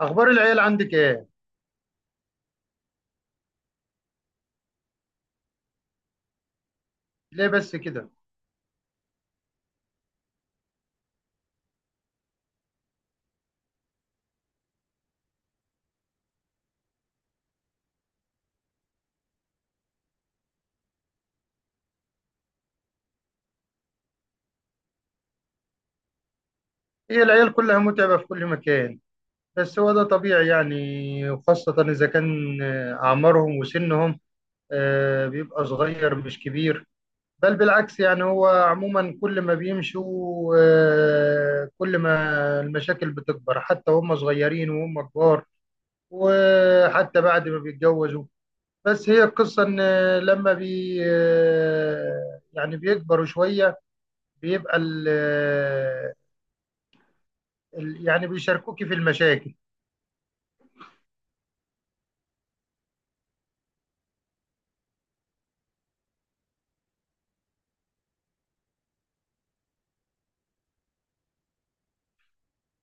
اخبار العيال عندك ايه؟ ليه بس كده؟ هي العيال كلها متعبة في كل مكان. بس هو ده طبيعي يعني، وخاصة اذا كان اعمارهم وسنهم، بيبقى صغير مش كبير. بل بالعكس، يعني هو عموما كل ما بيمشوا، كل ما المشاكل بتكبر، حتى وهم صغيرين وهم كبار، وحتى بعد ما بيتجوزوا. بس هي القصة إن لما بي يعني بيكبروا شوية، بيبقى يعني بيشاركوكي في المشاكل.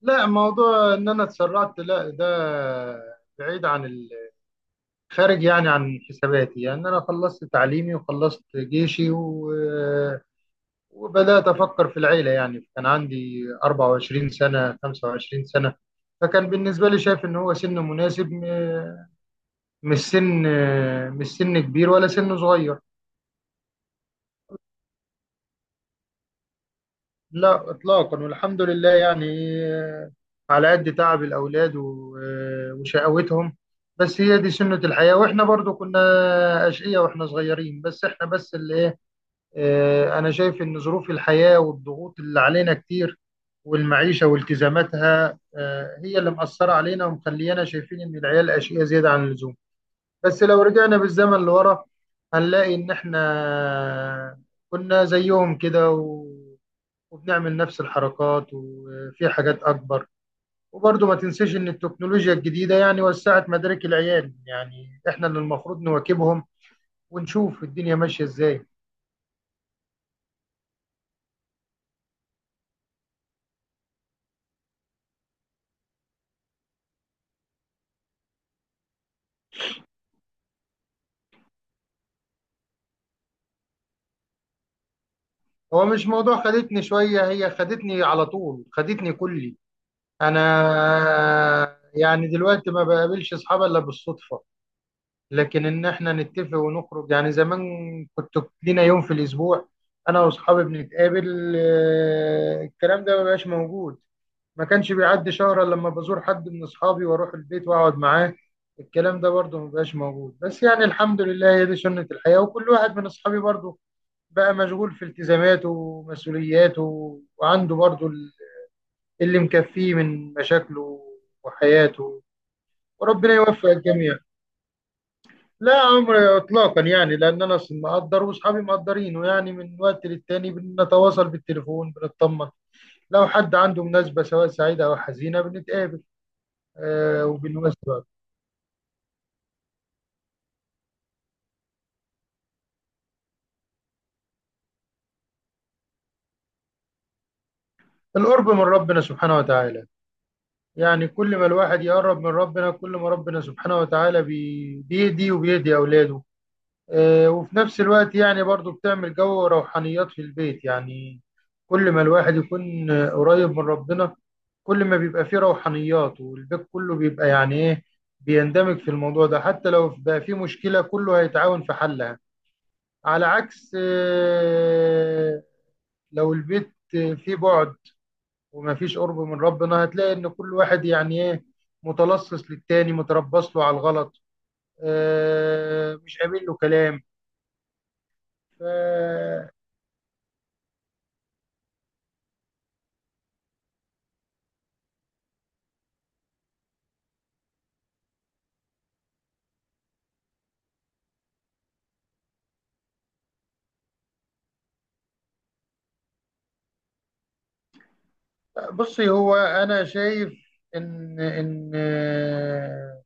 لا، موضوع إن أنا اتسرعت لا، ده بعيد عن خارج يعني عن حساباتي. يعني أنا خلصت تعليمي وخلصت جيشي وبدأت أفكر في العيلة، يعني كان عندي 24 سنة، 25 سنة. فكان بالنسبة لي شايف إن هو سن مناسب، مش سن مش سن كبير ولا سن صغير. لا إطلاقا، والحمد لله يعني. آه، على قد تعب الأولاد وشقاوتهم، بس هي دي سنة الحياة، وإحنا برضو كنا أشقية وإحنا صغيرين، بس إحنا بس اللي. انا شايف ان ظروف الحياه والضغوط اللي علينا كتير، والمعيشه والتزاماتها، هي اللي مأثره علينا ومخليانا شايفين ان العيال اشقياء زياده عن اللزوم. بس لو رجعنا بالزمن لورا، هنلاقي ان احنا كنا زيهم كده وبنعمل نفس الحركات وفي حاجات اكبر. وبرضه ما تنساش ان التكنولوجيا الجديده يعني وسعت مدارك العيال، يعني احنا اللي المفروض نواكبهم ونشوف الدنيا ماشيه ازاي. هو مش موضوع خدتني شوية، هي خدتني على طول، خدتني كلي أنا. يعني دلوقتي ما بقابلش أصحابي إلا بالصدفة، لكن إن إحنا نتفق ونخرج، يعني زمان كنت لينا يوم في الأسبوع أنا وأصحابي بنتقابل، الكلام ده ما بقاش موجود. ما كانش بيعدي شهر إلا لما بزور حد من أصحابي وأروح البيت وأقعد معاه، الكلام ده برضه ما بقاش موجود. بس يعني الحمد لله، هي دي سنة الحياة، وكل واحد من أصحابي برضه بقى مشغول في التزاماته ومسؤولياته، وعنده برضو اللي مكفيه من مشاكله وحياته، وربنا يوفق الجميع. لا، عمر اطلاقا يعني، لان انا اصلا مقدر واصحابي مقدرينه، يعني من وقت للتاني بنتواصل بالتليفون، بنطمن لو حد عنده مناسبه سواء سعيده او حزينه بنتقابل. آه، وبنوسع القرب من ربنا سبحانه وتعالى، يعني كل ما الواحد يقرب من ربنا، كل ما ربنا سبحانه وتعالى بيهدي وبيهدي اولاده. وفي نفس الوقت يعني برضو بتعمل جو روحانيات في البيت، يعني كل ما الواحد يكون قريب من ربنا، كل ما بيبقى فيه روحانيات، والبيت كله بيبقى يعني ايه، بيندمج في الموضوع ده. حتى لو بقى فيه مشكلة، كله هيتعاون في حلها. على عكس لو البيت فيه بعد ومفيش قرب من ربنا، هتلاقي ان كل واحد يعني ايه، متلصص للتاني، متربص له على الغلط، مش قابل له كلام. ف- بصي، هو انا شايف ان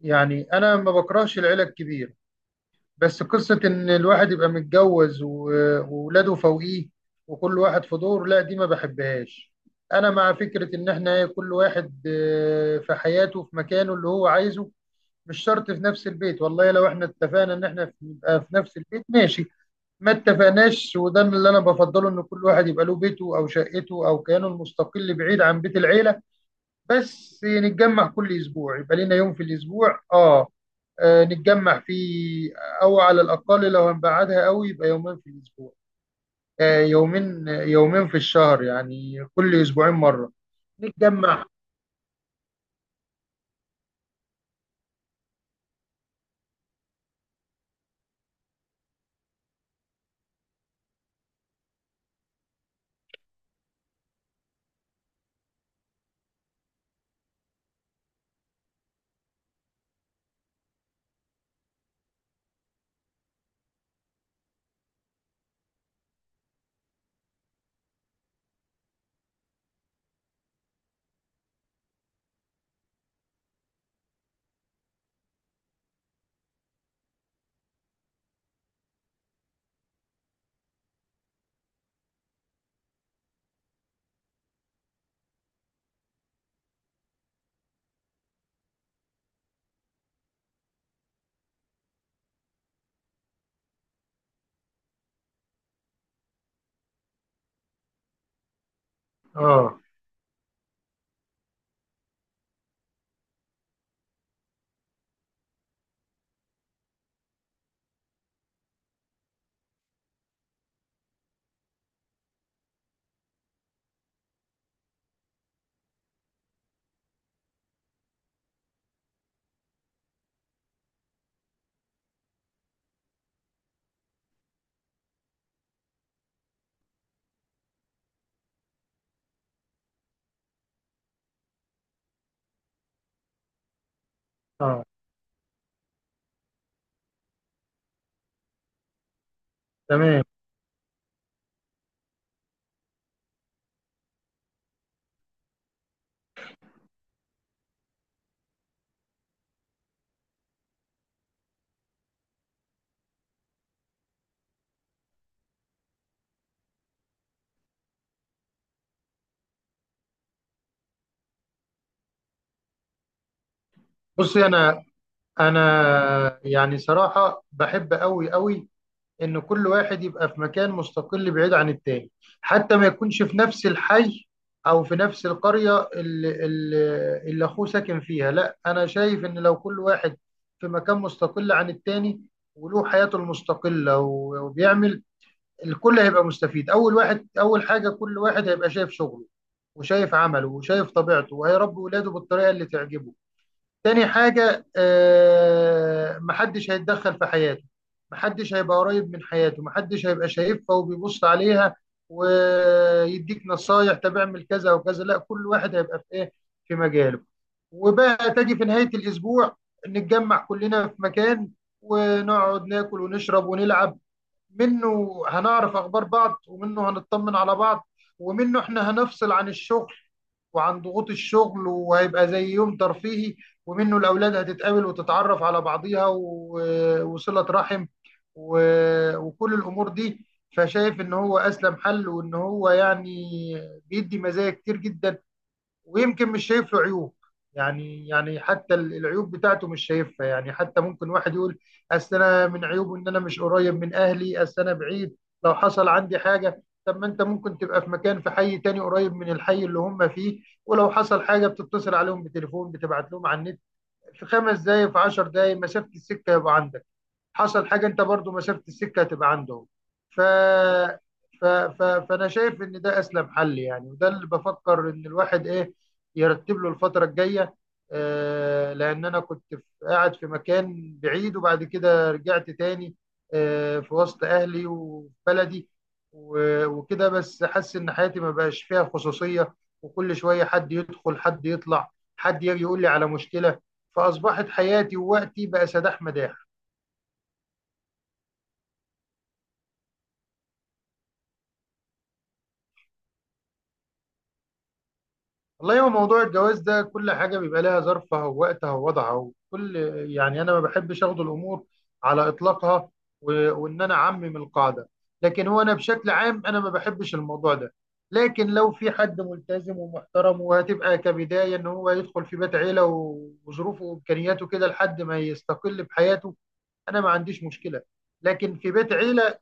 يعني انا ما بكرهش العيله الكبير. بس قصه ان الواحد يبقى متجوز وولاده فوقيه وكل واحد في دور، لا دي ما بحبهاش. انا مع فكره ان احنا إيه، كل واحد في حياته في مكانه اللي هو عايزه، مش شرط في نفس البيت. والله لو احنا اتفقنا ان احنا نبقى في نفس البيت ماشي، ما اتفقناش وده اللي انا بفضله، ان كل واحد يبقى له بيته او شقته او كيانه المستقل بعيد عن بيت العيله. بس نتجمع كل اسبوع، يبقى لنا يوم في الاسبوع، اه، نتجمع فيه. او على الاقل لو هنبعدها قوي، يبقى يومين في الاسبوع، يومين في الشهر، يعني كل اسبوعين مره نتجمع. اه، اه، تمام. بصي، انا يعني صراحه بحب قوي قوي ان كل واحد يبقى في مكان مستقل بعيد عن التاني، حتى ما يكونش في نفس الحي او في نفس القرية اللي اخوه ساكن فيها. لا، انا شايف ان لو كل واحد في مكان مستقل عن التاني وله حياته المستقلة و- وبيعمل الكل هيبقى مستفيد. اول واحد اول حاجة، كل واحد هيبقى شايف شغله وشايف عمله وشايف طبيعته وهيربي ولاده بالطريقة اللي تعجبه. تاني حاجة، محدش هيتدخل في حياته، محدش هيبقى قريب من حياته، محدش هيبقى شايفها وبيبص عليها ويديك نصايح طب اعمل كذا وكذا. لا، كل واحد هيبقى في ايه، في مجاله. وبقى تجي في نهاية الأسبوع نتجمع كلنا في مكان ونقعد ناكل ونشرب ونلعب. منه هنعرف أخبار بعض، ومنه هنطمن على بعض، ومنه احنا هنفصل عن الشغل وعن ضغوط الشغل، وهيبقى زي يوم ترفيهي. ومنه الأولاد هتتقابل وتتعرف على بعضيها وصلة رحم وكل الأمور دي. فشايف إن هو أسلم حل، وإن هو يعني بيدي مزايا كتير جدا، ويمكن مش شايف له عيوب. يعني حتى العيوب بتاعته مش شايفها. يعني حتى ممكن واحد يقول اصل انا من عيوبه ان انا مش قريب من اهلي، اصل انا بعيد لو حصل عندي حاجه. طب ما انت ممكن تبقى في مكان في حي تاني قريب من الحي اللي هم فيه، ولو حصل حاجه بتتصل عليهم بتليفون، بتبعت لهم على النت، في 5 دقايق، في 10 دقايق مسافه السكه يبقى عندك. حصل حاجه انت برضو مسافه السكه هتبقى عندهم. ف... فانا شايف ان ده اسلم حل يعني، وده اللي بفكر ان الواحد ايه، يرتب له الفتره الجايه. آه، لان انا كنت قاعد في مكان بعيد، وبعد كده رجعت تاني آه في وسط اهلي وفي بلدي وكده. بس حاسس ان حياتي ما بقاش فيها خصوصيه، وكل شويه حد يدخل حد يطلع، حد يجي يقول لي على مشكله، فاصبحت حياتي ووقتي بقى سداح مداح. والله، هو موضوع الجواز ده كل حاجة بيبقى لها ظرفها ووقتها ووضعها وكل. يعني أنا ما بحبش أخد الأمور على إطلاقها وإن أنا أعمم القاعدة. لكن هو أنا بشكل عام أنا ما بحبش الموضوع ده. لكن لو في حد ملتزم ومحترم، وهتبقى كبداية إن هو يدخل في بيت عيلة وظروفه وإمكانياته كده لحد ما يستقل بحياته، أنا ما عنديش مشكلة، لكن في بيت عيلة.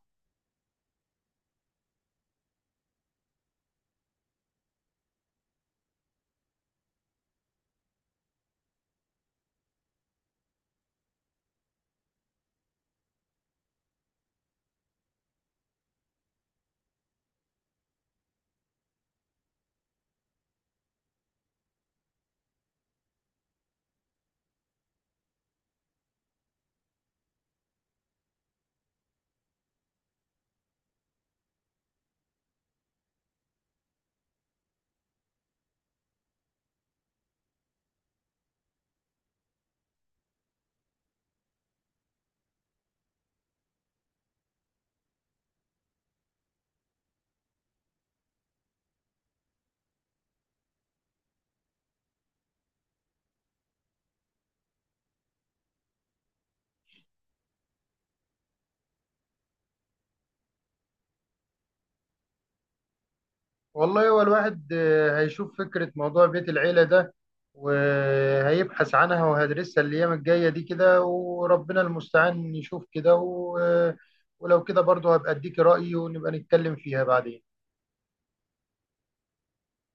والله، هو الواحد هيشوف فكرة موضوع بيت العيلة ده، وهيبحث عنها وهدرسها الأيام الجاية دي كده، وربنا المستعان يشوف كده ولو كده برضه هبقى أديكي رأيي ونبقى نتكلم فيها بعدين.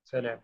سلام.